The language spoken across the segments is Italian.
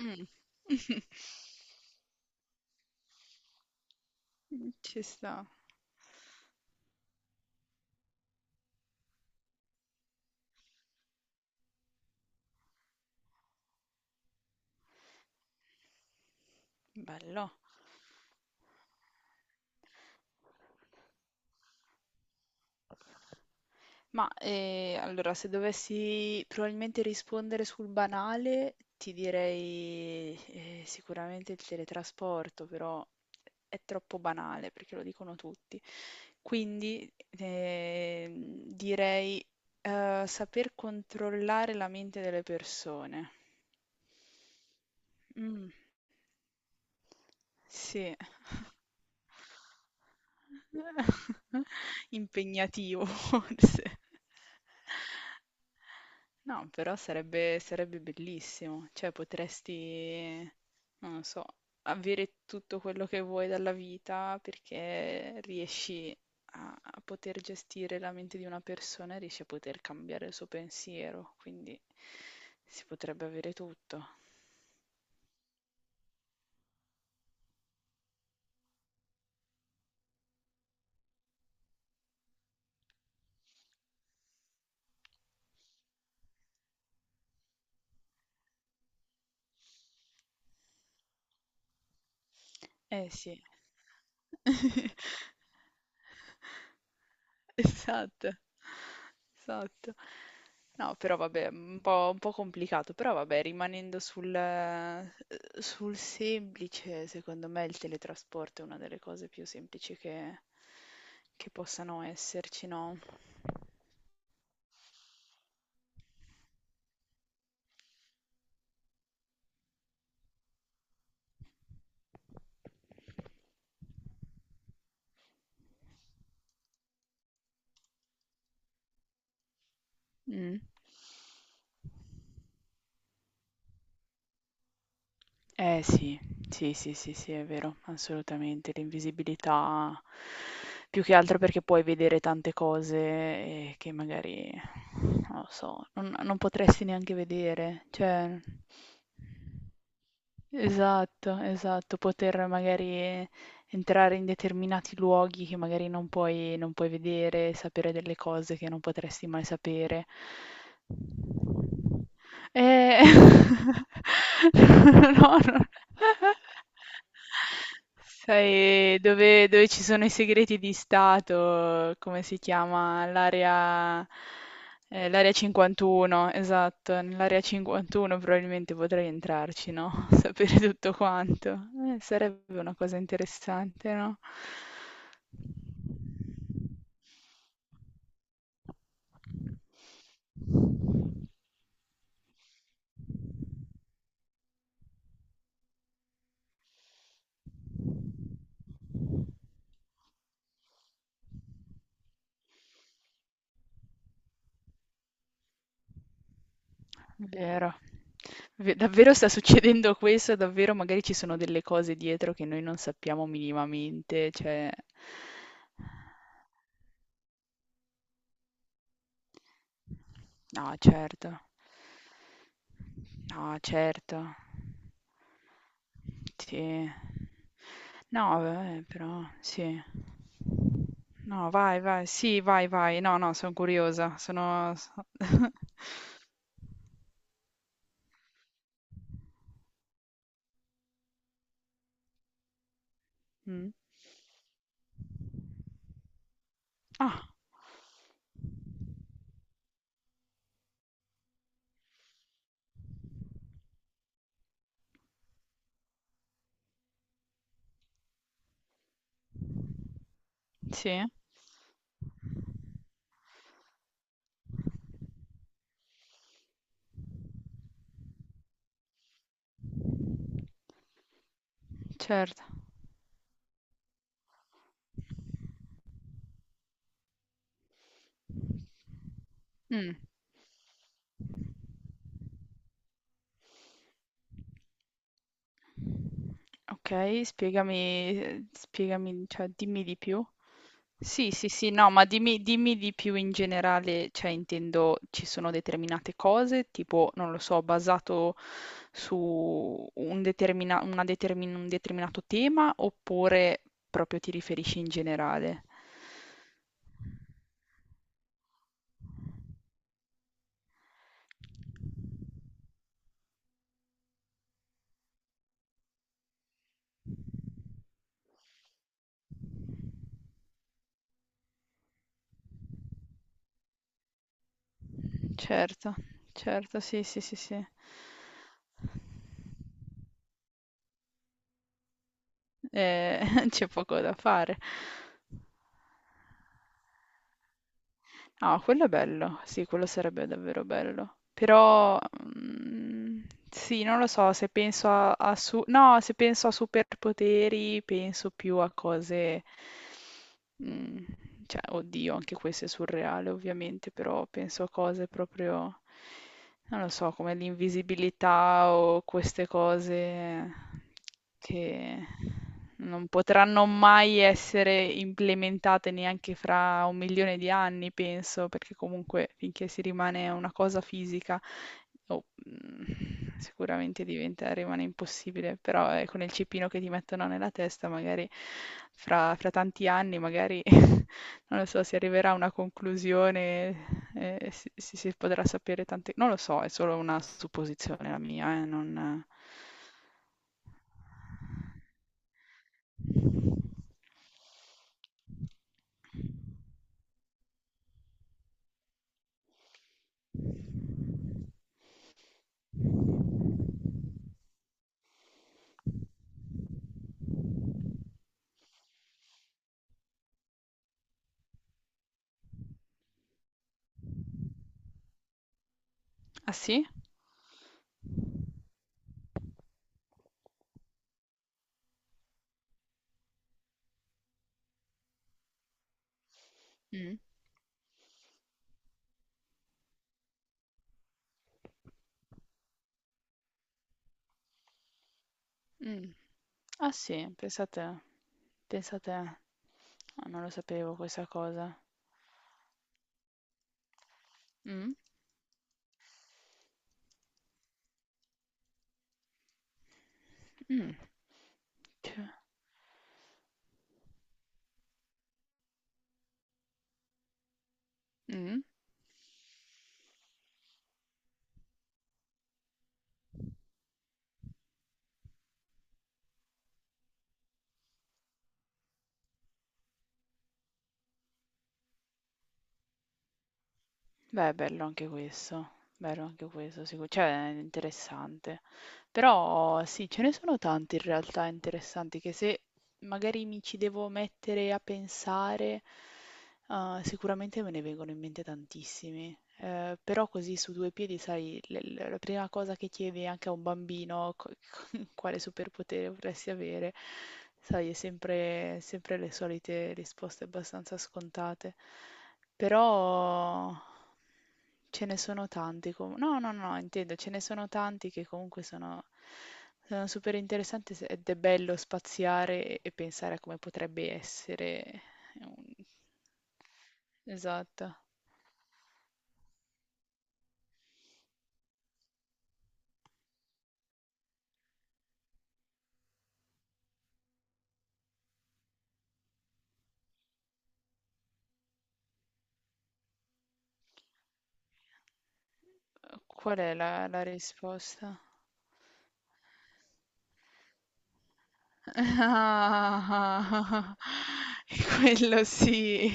Mm. Ci sta, bello. Ma allora, se dovessi probabilmente rispondere sul banale, ti direi sicuramente il teletrasporto, però è troppo banale perché lo dicono tutti. Quindi direi saper controllare la mente delle persone. Mm, sì, impegnativo forse. No, però sarebbe bellissimo, cioè potresti, non lo so, avere tutto quello che vuoi dalla vita perché riesci a poter gestire la mente di una persona e riesci a poter cambiare il suo pensiero, quindi si potrebbe avere tutto. Eh sì. Esatto, esatto. No, però vabbè, un po' complicato, però vabbè, rimanendo sul semplice, secondo me il teletrasporto è una delle cose più semplici che possano esserci, no? Mm. Eh sì, sì, sì, sì, sì, è vero, assolutamente. L'invisibilità più che altro perché puoi vedere tante cose che magari, non lo so, non potresti neanche vedere. Cioè, esatto, esatto, poter magari entrare in determinati luoghi che magari non puoi vedere, sapere delle cose che non potresti mai sapere. Eh, no, no. Sai dove ci sono i segreti di Stato, come si chiama? L'area 51, esatto, nell'area 51 probabilmente potrei entrarci, no? Sapere tutto quanto. Sarebbe una cosa interessante, no? Vero. Ve davvero sta succedendo questo, davvero magari ci sono delle cose dietro che noi non sappiamo minimamente, cioè... No, certo. No, certo. Sì. No, vabbè, però sì. No, vai, vai. Sì, vai, vai. No, no, sono curiosa. Sono Mm. Ah, sì. Certo. Mm. Okay, spiegami cioè dimmi di più. Sì, sì, sì, no, ma dimmi di più in generale, cioè intendo ci sono determinate cose, tipo, non lo so, basato su un determinato tema, oppure proprio ti riferisci in generale? Certo, certo, sì, sì, sì, sì. C'è poco da fare. Ah, quello è bello, sì, quello sarebbe davvero bello. Però, mm, sì, non lo so, se penso a, a su- no, se penso a superpoteri, penso più a cose, mm, cioè, oddio, anche questo è surreale, ovviamente, però penso a cose proprio, non lo so, come l'invisibilità o queste cose che non potranno mai essere implementate neanche fra 1 milione di anni, penso, perché comunque finché si rimane una cosa fisica, oh, sicuramente diventa, rimane impossibile, però con il cipino che ti mettono nella testa, magari fra tanti anni, magari non lo so, si arriverà a una conclusione, si potrà sapere tante... Non lo so, è solo una supposizione la mia, non... Ah sì? Mm. Mm. Ah sì, pensate, pensate, ah, non lo sapevo questa cosa. Mm, mm, cioè, mm. Beh, bello anche questo, sicuro, cioè è interessante. Però sì, ce ne sono tanti in realtà interessanti che se magari mi ci devo mettere a pensare, sicuramente me ne vengono in mente tantissimi. Però così su due piedi, sai, la prima cosa che chiedi anche a un bambino, quale superpotere vorresti avere, sai, è sempre, sempre le solite risposte abbastanza scontate. Però ce ne sono tanti comu no, no, no, intendo, ce ne sono tanti che comunque sono super interessanti se ed è bello spaziare e pensare a come potrebbe essere un... Esatto. Qual è la risposta? Ah, quello sì,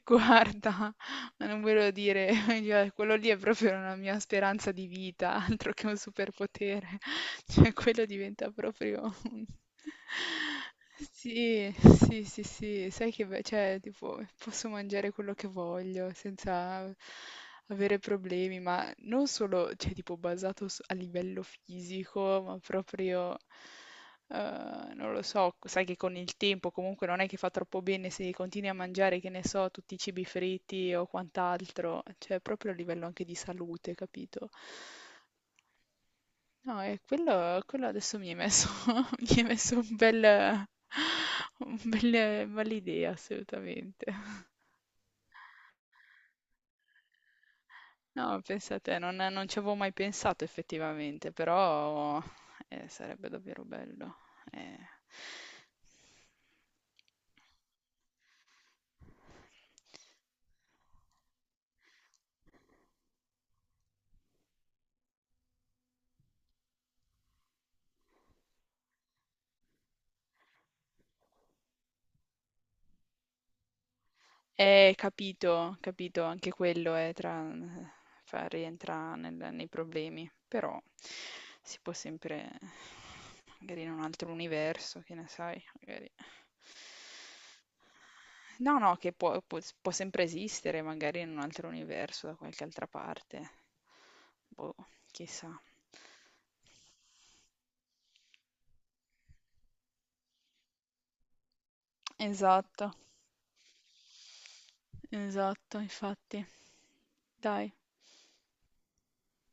guarda, ma non ve lo dire, cioè, quello lì è proprio una mia speranza di vita, altro che un superpotere, cioè quello diventa proprio... Sì, sì, sì, sì, sai che, cioè, tipo, posso mangiare quello che voglio senza avere problemi, ma non solo, cioè, tipo, basato a livello fisico, ma proprio... non lo so, sai che con il tempo comunque non è che fa troppo bene se continui a mangiare, che ne so, tutti i cibi fritti o quant'altro, cioè proprio a livello anche di salute, capito? No, e quello adesso mi è messo, mi è messo un bell'idea, assolutamente. No, pensate, non ci avevo mai pensato effettivamente, però sarebbe davvero bello. Eh. Capito, capito, anche quello è tra, rientra nei problemi, però si può sempre, magari in un altro universo, che ne sai, magari. No, no, che può, può sempre esistere, magari in un altro universo, da qualche altra parte. Boh, chissà. Esatto, esatto, infatti. Dai.